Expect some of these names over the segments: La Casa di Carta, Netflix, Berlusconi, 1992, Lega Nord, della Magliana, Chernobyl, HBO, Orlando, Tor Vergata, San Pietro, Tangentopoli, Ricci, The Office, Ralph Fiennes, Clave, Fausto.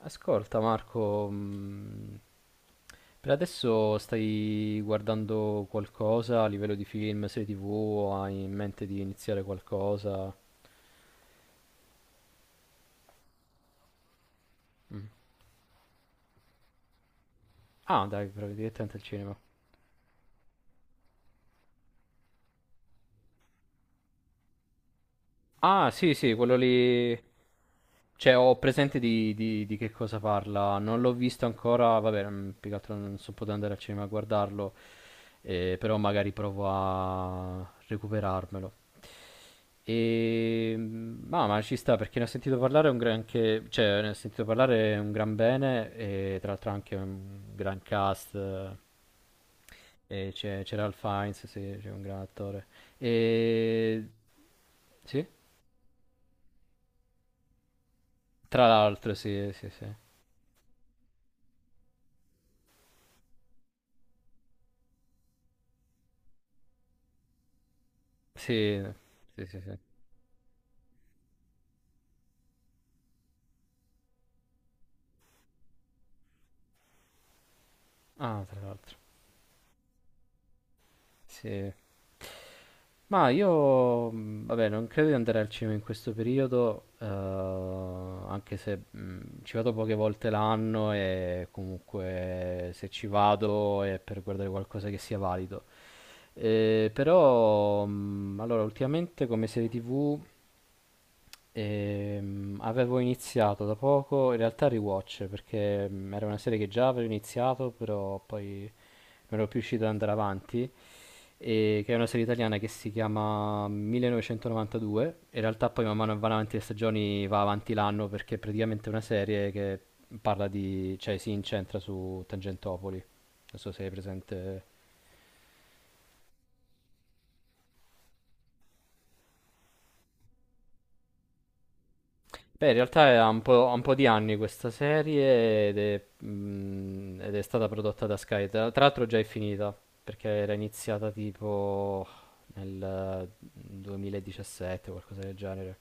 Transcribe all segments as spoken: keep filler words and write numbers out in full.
Ascolta Marco, mm, per adesso stai guardando qualcosa a livello di film, serie tivù, o hai in mente di iniziare qualcosa? Mm. Ah, dai, proprio direttamente al cinema. Ah, sì, sì, quello lì. Cioè, ho presente di, di- di che cosa parla. Non l'ho visto ancora. Vabbè, non- più che altro non sono potuto andare al cinema a guardarlo. Eh, però magari provo a recuperarmelo. E, ma, ma ci sta perché ne ho sentito parlare un gran che- cioè, ne ho sentito parlare un gran bene e tra l'altro anche un gran cast. Eh, e c'è, c'era Ralph Fiennes, sì, c'è un gran attore. E, sì? Tra l'altro, sì, sì, sì. Sì, sì, sì, sì. Ah, tra l'altro. Sì. Ma io, mh, vabbè, non credo di andare al cinema in questo periodo, eh, anche se mh, ci vado poche volte l'anno e comunque se ci vado è per guardare qualcosa che sia valido. Eh, però, mh, allora, ultimamente come serie tivù ehm, avevo iniziato da poco, in realtà Rewatch, perché mh, era una serie che già avevo iniziato, però poi non ero più riuscito ad andare avanti e- che è una serie italiana che si chiama millenovecentonovantadue. In realtà poi man mano che vanno avanti le stagioni va avanti l'anno perché è praticamente una serie che parla di, cioè si incentra su Tangentopoli. Non so se hai presente. Beh, in realtà è- ha un po', ha un po' di anni questa serie ed è, mm, ed è stata prodotta da Sky. Tra tra l'altro già è finita perché era iniziata tipo nel duemiladiciassette o qualcosa del genere.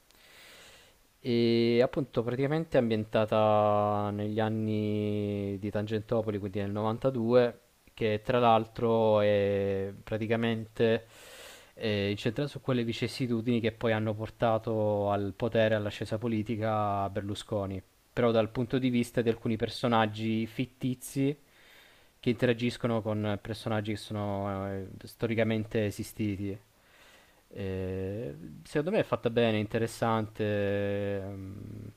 E appunto praticamente è ambientata negli anni di Tangentopoli, quindi nel novantadue, che tra l'altro è praticamente eh, incentrata su quelle vicissitudini che poi hanno portato al potere e all'ascesa politica Berlusconi però dal punto di vista di alcuni personaggi fittizi che interagiscono con personaggi che sono eh, storicamente esistiti. Eh, Secondo me è fatta bene, interessante, ehm,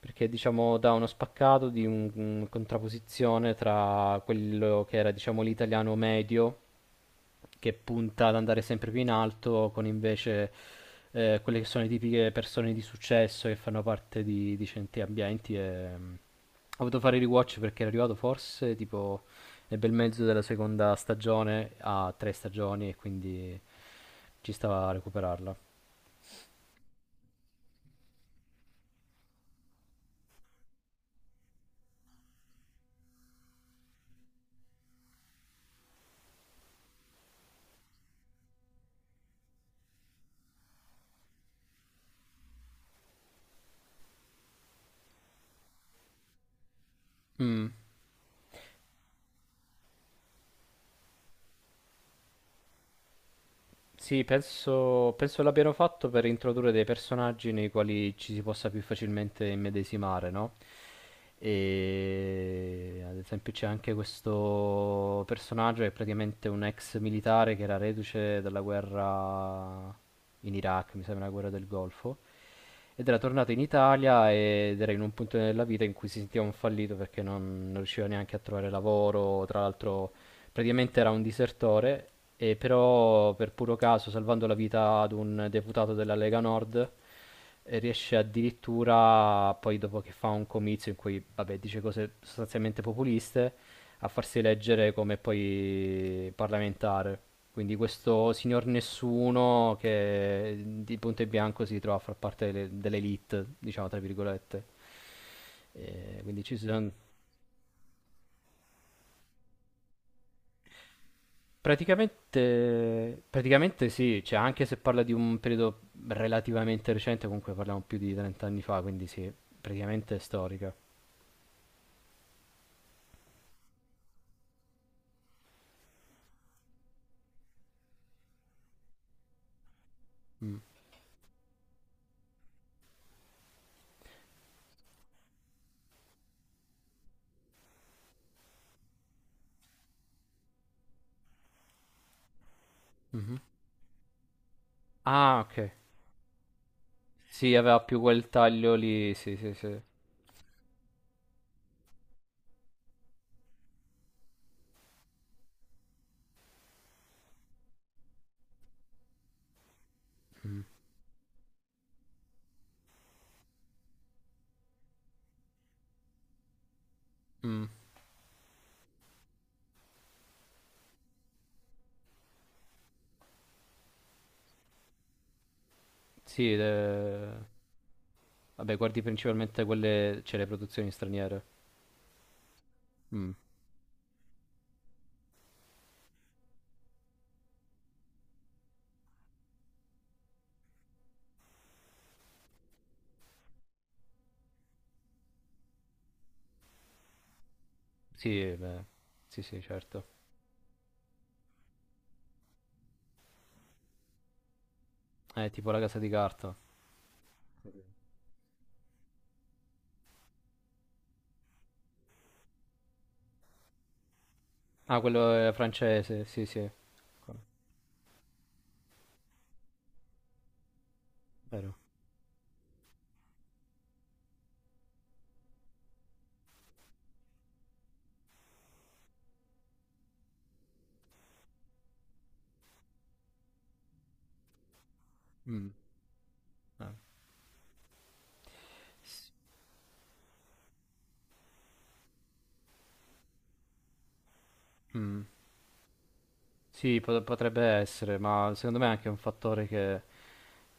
perché diciamo dà uno spaccato di un- un- contrapposizione tra quello che era diciamo l'italiano medio che punta ad andare sempre più in alto, con invece eh, quelle che sono le tipiche persone di successo che fanno parte di, di certi ambienti. E... mm, Ho voluto fare il rewatch perché era arrivato forse tipo nel bel mezzo della seconda stagione a tre stagioni e quindi ci stava a recuperarla. Mm. Sì, penso, penso l'abbiano fatto per introdurre dei personaggi nei quali ci si possa più facilmente immedesimare, no? E ad esempio c'è anche questo personaggio che è praticamente un ex militare che era reduce dalla guerra in Iraq, mi sembra la guerra del Golfo, ed era tornato in Italia ed era in un punto della vita in cui si sentiva un fallito perché non, non riusciva neanche a trovare lavoro, tra l'altro praticamente era un disertore, e però per puro caso, salvando la vita ad un deputato della Lega Nord, eh, riesce addirittura, poi dopo che fa un comizio in cui, vabbè, dice cose sostanzialmente populiste, a farsi eleggere come poi parlamentare. Quindi questo signor nessuno che di punto in bianco si trova a far parte delle- dell'elite, diciamo tra virgolette. Eh, quindi ci sono. Praticamente, praticamente sì, cioè anche se parla di un periodo relativamente recente, comunque parliamo più di trenta anni fa, quindi sì, praticamente è storica. Mm, mhm. Ah, ok. Sì, aveva più quel taglio lì, sì, sì, sì. Mm, mm. Sì, ed è- vabbè, guardi principalmente quelle, cioè le produzioni straniere. Mm. Sì, beh, sì, sì, certo. Eh, tipo La Casa di Carta. Ah, quello è francese, sì, sì. Co- Vero. Mm. Ah. S- mm. Sì, pot- potrebbe essere, ma secondo me è anche un fattore che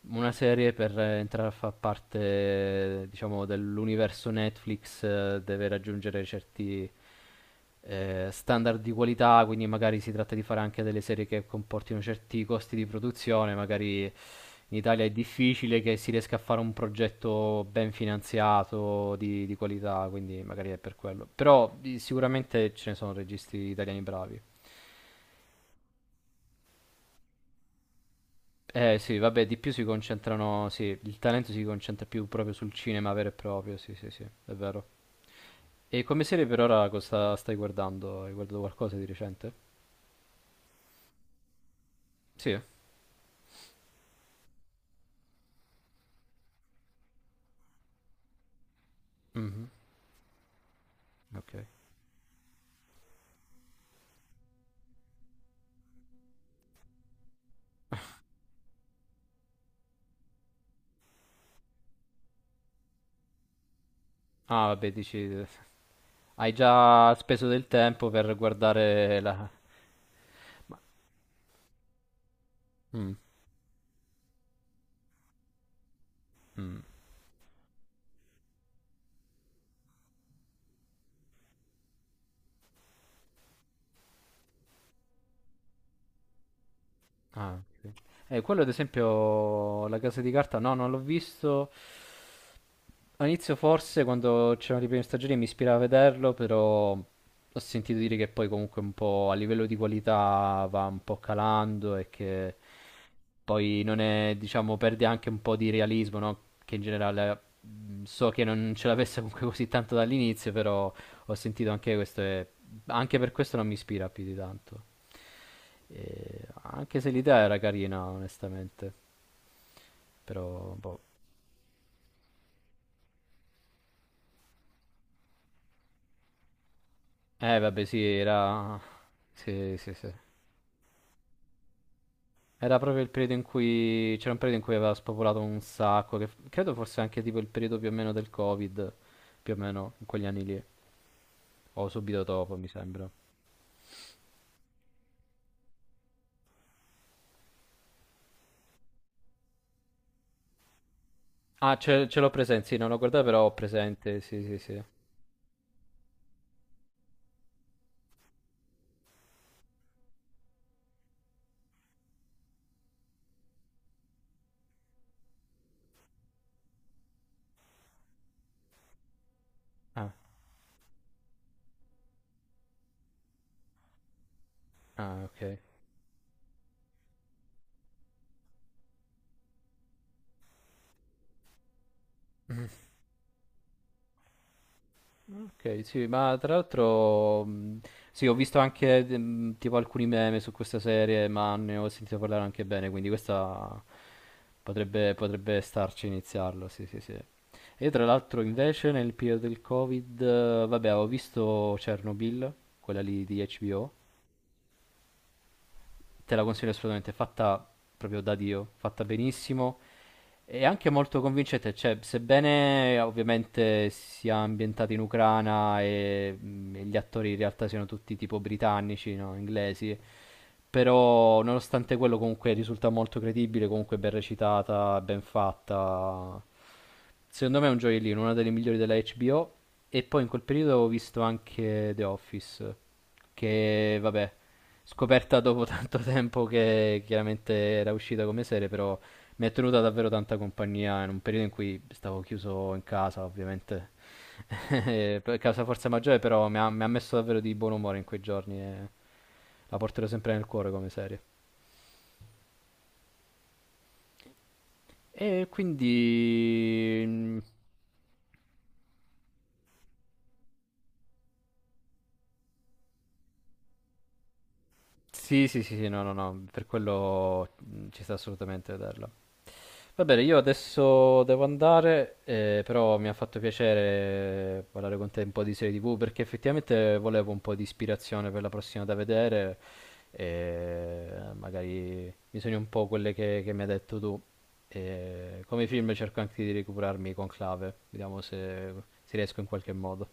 una serie per eh, entrare a far parte, eh, diciamo, dell'universo Netflix eh, deve raggiungere certi eh, standard di qualità, quindi magari si tratta di fare anche delle serie che comportino certi costi di produzione, magari in Italia è difficile che si riesca a fare un progetto ben finanziato, di, di qualità, quindi magari è per quello. Però di- sicuramente ce ne sono registi italiani bravi. Eh sì, vabbè, di più si concentrano, sì, il talento si concentra più proprio sul cinema vero e proprio, sì, sì, sì, è vero. E come serie per ora cosa stai guardando? Hai guardato qualcosa di recente? Sì. Mhm. Ok. Ah, vabbè, dici, eh, hai già speso del tempo per guardare la... Ma... Mm, mm. Ah, ok. Eh, quello ad esempio, La Casa di Carta, no, non l'ho visto. All'inizio forse quando c'erano le prime stagioni mi ispirava a vederlo, però ho sentito dire che poi comunque un po' a livello di qualità va un po' calando e che poi non è, diciamo, perde anche un po' di realismo, no? Che in generale mh, so che non ce l'avesse comunque così tanto dall'inizio, però ho sentito anche questo e anche per questo non mi ispira più di tanto. E anche se l'idea era carina, onestamente, però boh. Eh vabbè sì, era... Sì, sì, sì. Era proprio il periodo in cui... C'era un periodo in cui aveva spopolato un sacco, che f- credo fosse anche tipo il periodo più o meno del Covid, più o meno in quegli anni lì, o subito dopo mi sembra. Ah, ce, ce l'ho presente, sì, non l'ho guardato però ho presente, sì, sì, sì. Ah, ah, ok. Ok, sì, ma tra l'altro, mh, sì, ho visto anche mh, tipo alcuni meme su questa serie, ma ne ho sentito parlare anche bene, quindi questa potrebbe, potrebbe starci a iniziarlo, sì, sì, sì. E tra l'altro invece nel periodo del Covid, eh, vabbè, ho visto Chernobyl, quella lì di H B O, te la consiglio assolutamente, è fatta proprio da Dio, fatta benissimo e anche molto convincente, cioè, sebbene ovviamente sia ambientata in Ucraina e, mh, e gli attori in realtà siano tutti tipo britannici, no? inglesi, però nonostante quello comunque risulta molto credibile, comunque ben recitata, ben fatta. Secondo me è un gioiellino, una delle migliori della acca bi o. E poi in quel periodo avevo visto anche The Office, che vabbè, scoperta dopo tanto tempo che chiaramente era uscita come serie, però mi è tenuta davvero tanta compagnia in un periodo in cui stavo chiuso in casa, ovviamente, per causa forza maggiore, però mi ha, mi ha messo davvero di buon umore in quei giorni e la porterò sempre nel cuore come serie. E quindi... mm, Sì, sì, sì, sì, no, no, no, per quello mh, ci sta assolutamente a vederla. Va bene, io adesso devo andare, eh, però mi ha fatto piacere eh, parlare con te un po' di serie tivù perché effettivamente volevo un po' di ispirazione per la prossima da vedere e magari mi sogno un po' quelle che, che mi hai detto tu. E come film cerco anche di recuperarmi con Clave, vediamo se se riesco in qualche modo.